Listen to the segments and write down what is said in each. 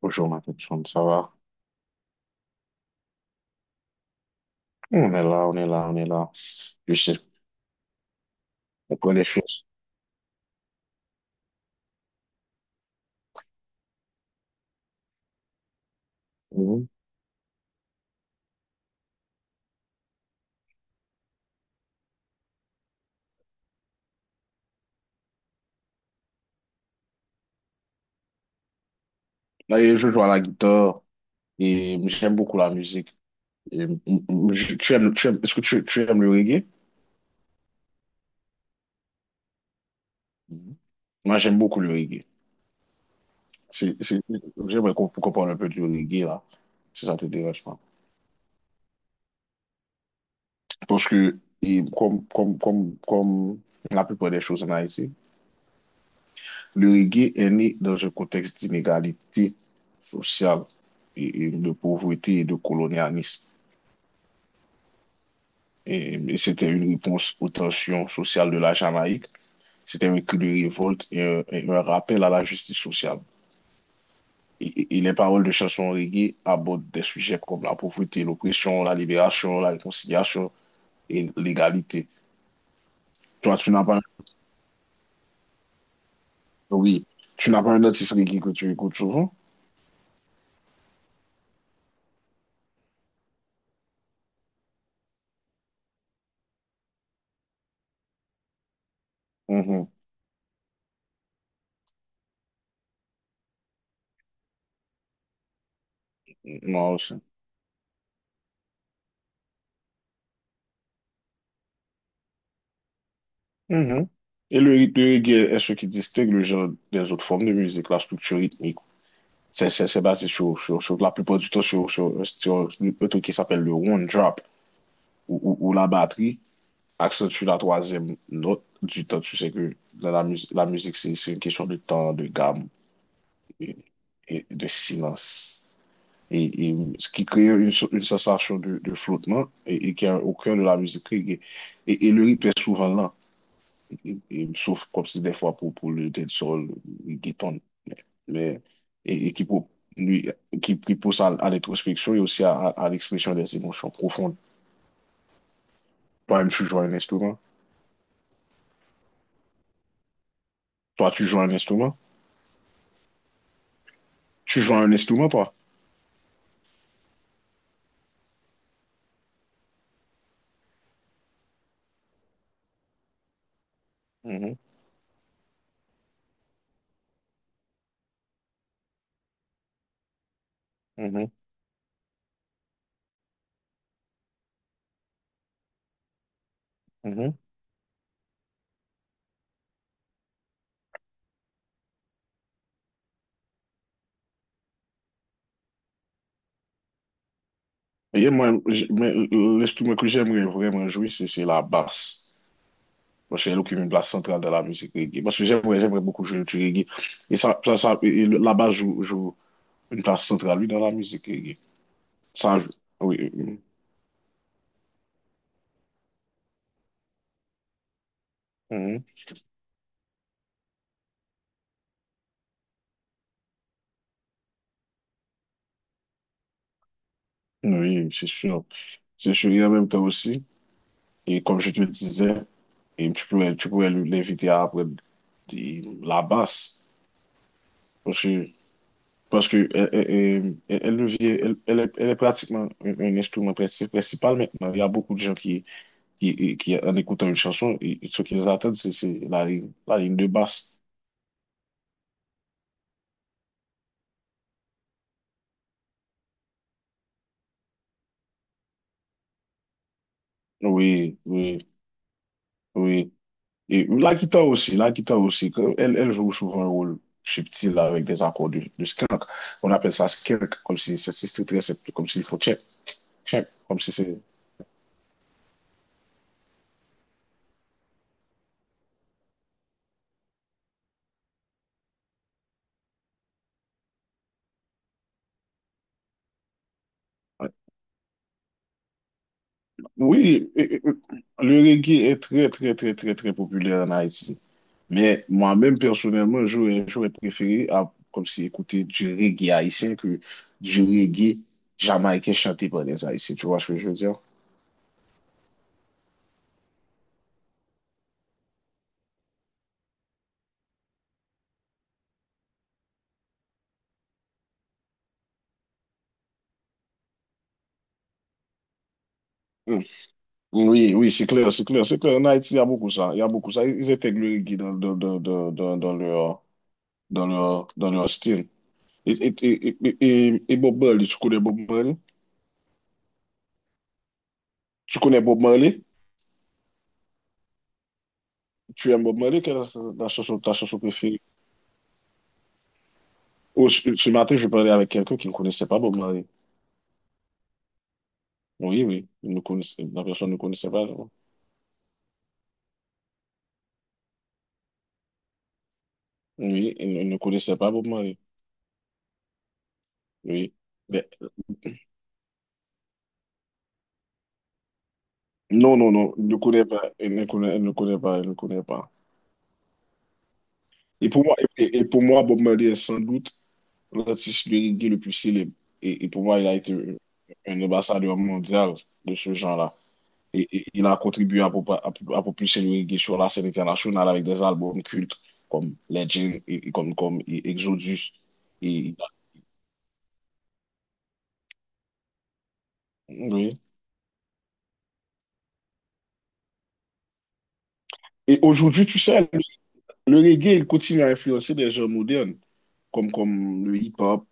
Bonjour, ma personne, ça va? On est là, on est là, on est là. Je sais, on prend les choses. Mhm. Et je joue à la guitare et j'aime beaucoup la musique. Et, mm, est-ce que tu aimes le reggae? Mhm. Moi, j'aime beaucoup le reggae. C'est, c'est- j'aimerais qu'on parle un peu du reggae, là, si ça te dérange pas. Parce que, et comme, comme, comme, comme la plupart des choses en Haïti, le reggae est né dans un contexte d'inégalité sociale et de pauvreté et de colonialisme. Et mais c'était une réponse aux tensions sociales de la Jamaïque. C'était un cri de révolte et un rappel à la justice sociale. Et les paroles de chansons reggae abordent des sujets comme la pauvreté, l'oppression, la libération, la réconciliation et l'égalité. Toi, tu n'as pas, oui, tu n'as pas un artiste reggae que tu écoutes souvent? Mhm. Moi aussi. Mhm. Et le rythme de reggae est ce qui distingue le genre des autres formes de musique, la structure rythmique. C'est basé la plupart du temps sur un truc qui s'appelle le one drop, ou où la batterie accentue la troisième note du temps. Tu sais que dans la musique, c'est une question de temps, de gamme et, et de silence. Et ce qui crée une sensation de flottement et qui est au cœur de la musique. Et le rythme est souvent lent. Et sauf comme si des fois pour le dead soul, le guitar, mais et, et qui, pou- lui, qui pousse à l'introspection et aussi à, à l'expression des émotions profondes. Toi-même, tu joues à un instrument. Toi, tu joues à un instrument. Tu joues à un instrument, toi. Mhm, mhm, mhm. Et moi, l'instrument que j'aimerais vraiment jouer, c'est la basse. Parce qu'elle occupe une place centrale dans la musique reggae. Parce que j'aimerais beaucoup jouer du reggae. Et la basse joue une place centrale, oui, dans la musique reggae. Ça, je- oui, mhm, mhm. Oui, c'est sûr. C'est sûr. Et en même temps aussi. Et comme je te disais, et tu pourrais l'inviter à apprendre la basse. Parce que, parce que elle, elle, elle- elle devient- elle- elle est pratiquement un instrument principal maintenant. Il y a beaucoup de gens qui, qui en écoutant une chanson, et ce qu'ils attendent, c'est la ligne, de basse. Oui, oui, oui. Et la guitare aussi, la guitare aussi. Elle joue souvent un rôle subtil avec des accords de skank. On appelle ça skank comme si c'est très simple, comme s'il faut check, check, comme si c'est. Oui, le reggae est très, très, très, très, très populaire en Haïti. Mais moi-même, personnellement, j'aurais préféré comme si écouter du reggae haïtien que du reggae jamaïcain chanté par les Haïtiens. Tu vois ce que je veux dire? Mm. Oui, oui, c'est clair, c'est clair, c'est clair. En Haïti, il y a beaucoup ça. Il y a beaucoup ça. Ils intègrent le reggae dans, dans, dans, dans, dans, dans leur, dans leur, dans leur style. Et, et, et, et, et Bob Marley, tu connais Bob Marley? Tu connais Bob Marley? Tu aimes Bob Marley? Quelle est ta chanson préférée? Oh, ce matin, je parlais avec quelqu'un qui ne connaissait pas Bob Marley. Oui, oui, il ne connaissait, la personne ne connaissait pas, genre. Oui, il ne connaissait pas Bob Marley. Oui. Mais- non, non, non, il ne connaît pas. Il ne connaît pas. Il ne connaît pas. Et pour moi, Bob Marley est sans doute l'artiste de reggae le plus célèbre. Et pour moi, il a été un ambassadeur mondial de ce genre-là. Et il a contribué à propulser le reggae sur la scène internationale avec des albums cultes comme Legend et comme, comme et Exodus. Oui. Et aujourd'hui, tu sais, le reggae, il continue à influencer des genres modernes, comme le hip-hop,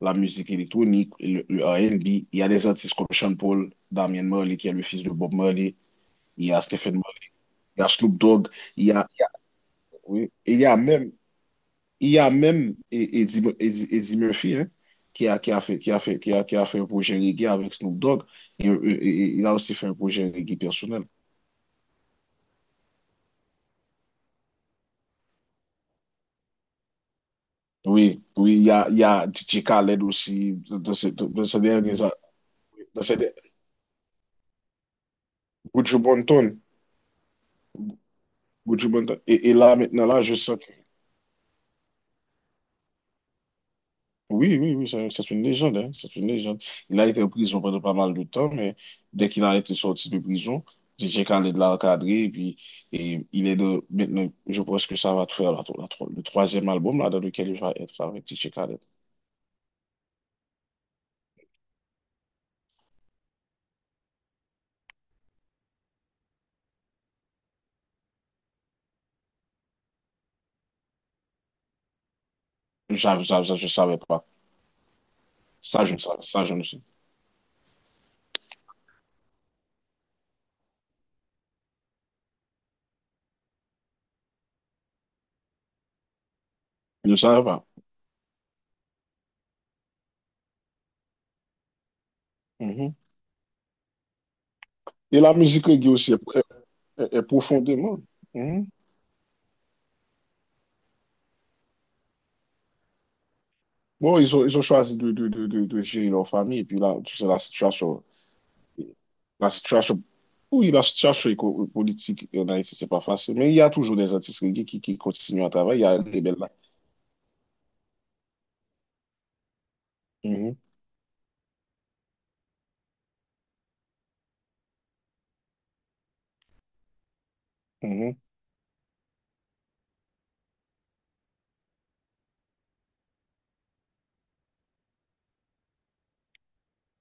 la musique électronique, le R&B. Il y a des artistes comme Sean Paul, Damien Marley, qui est le fils de Bob Marley. Il y a Stephen Marley, il y a Snoop Dogg. Il y a, il y a- oui. Et il y a même, il y a même Eddie Murphy, hein, qui a fait un projet reggae avec Snoop Dogg. Et, et- et il a aussi fait un projet reggae personnel. Oui, oui, il y a DJ Khaled aussi, de ces derniers dans cette. Gucci Bonton, Gucci Bonton. Et là, maintenant, là, je sens que, oui, oui, oui, c'est une légende, hein, c'est une légende. Il a été en prison pendant pas mal de temps, mais dès qu'il a été sorti de prison, DJ Khaled l'a encadré, et puis il est maintenant, je pense que ça va faire le troisième album là, dans lequel il va être avec DJ Khaled. Ça, je ne savais pas. Ça, je ne savais, ça, je ne savais pas. Mhm. Et la musique reggae aussi est, est profondément. Mm-hmm. Bon, ils ont choisi de gérer leur famille. Et puis là, tu sais, la situation, la situation, oui, la situation politique en Haïti, c'est pas facile. Mais il y a toujours des artistes reggae qui continuent à travailler. Il y a des belles là. Mhm, mhm.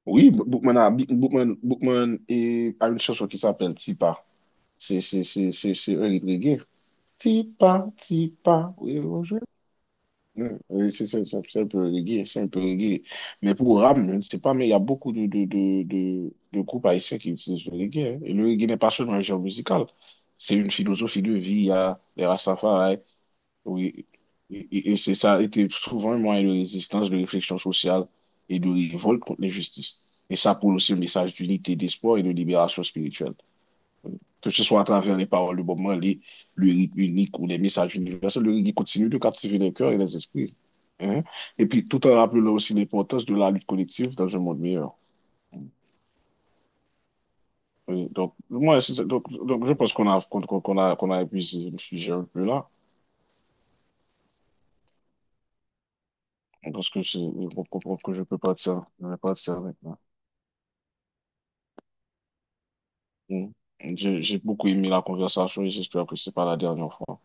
Oui, Bookman a une chanson qui s'appelle Tipa. C'est un hit reggae. Tipa, Tipa, oui. Mm. Oui, c'est ça, c'est un peu reggae, c'est un peu reggae. Mais pour Ram, je ne sais pas, mais il y a beaucoup de groupes haïtiens qui utilisent le reggae, hein. Et le reggae n'est pas seulement un genre musical, c'est une philosophie de vie. Il y a les Rastafari, oui. Et c'est ça a été souvent un moyen de résistance, de réflexion sociale et de révolte contre l'injustice. Et ça pour aussi un message d'unité, d'espoir et de libération spirituelle, que ce soit à travers les paroles du Bob Marley, le rythme unique ou les messages universels, le reggae continue de captiver les cœurs et les esprits, hein. Et puis, tout en rappelant aussi l'importance de la lutte collective dans un monde meilleur. Oui, donc, moi, je pense qu'on a épuisé le sujet un peu là. Je pense que c'est- on comprend que je peux partir, je vais partir maintenant. Mm. J'ai beaucoup aimé la conversation et j'espère que c'est pas la dernière fois.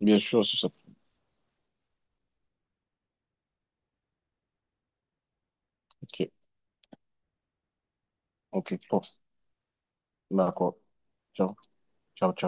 Bien sûr, c'est ça. Ok, ok, bon, d'accord. Ciao, ciao, ciao.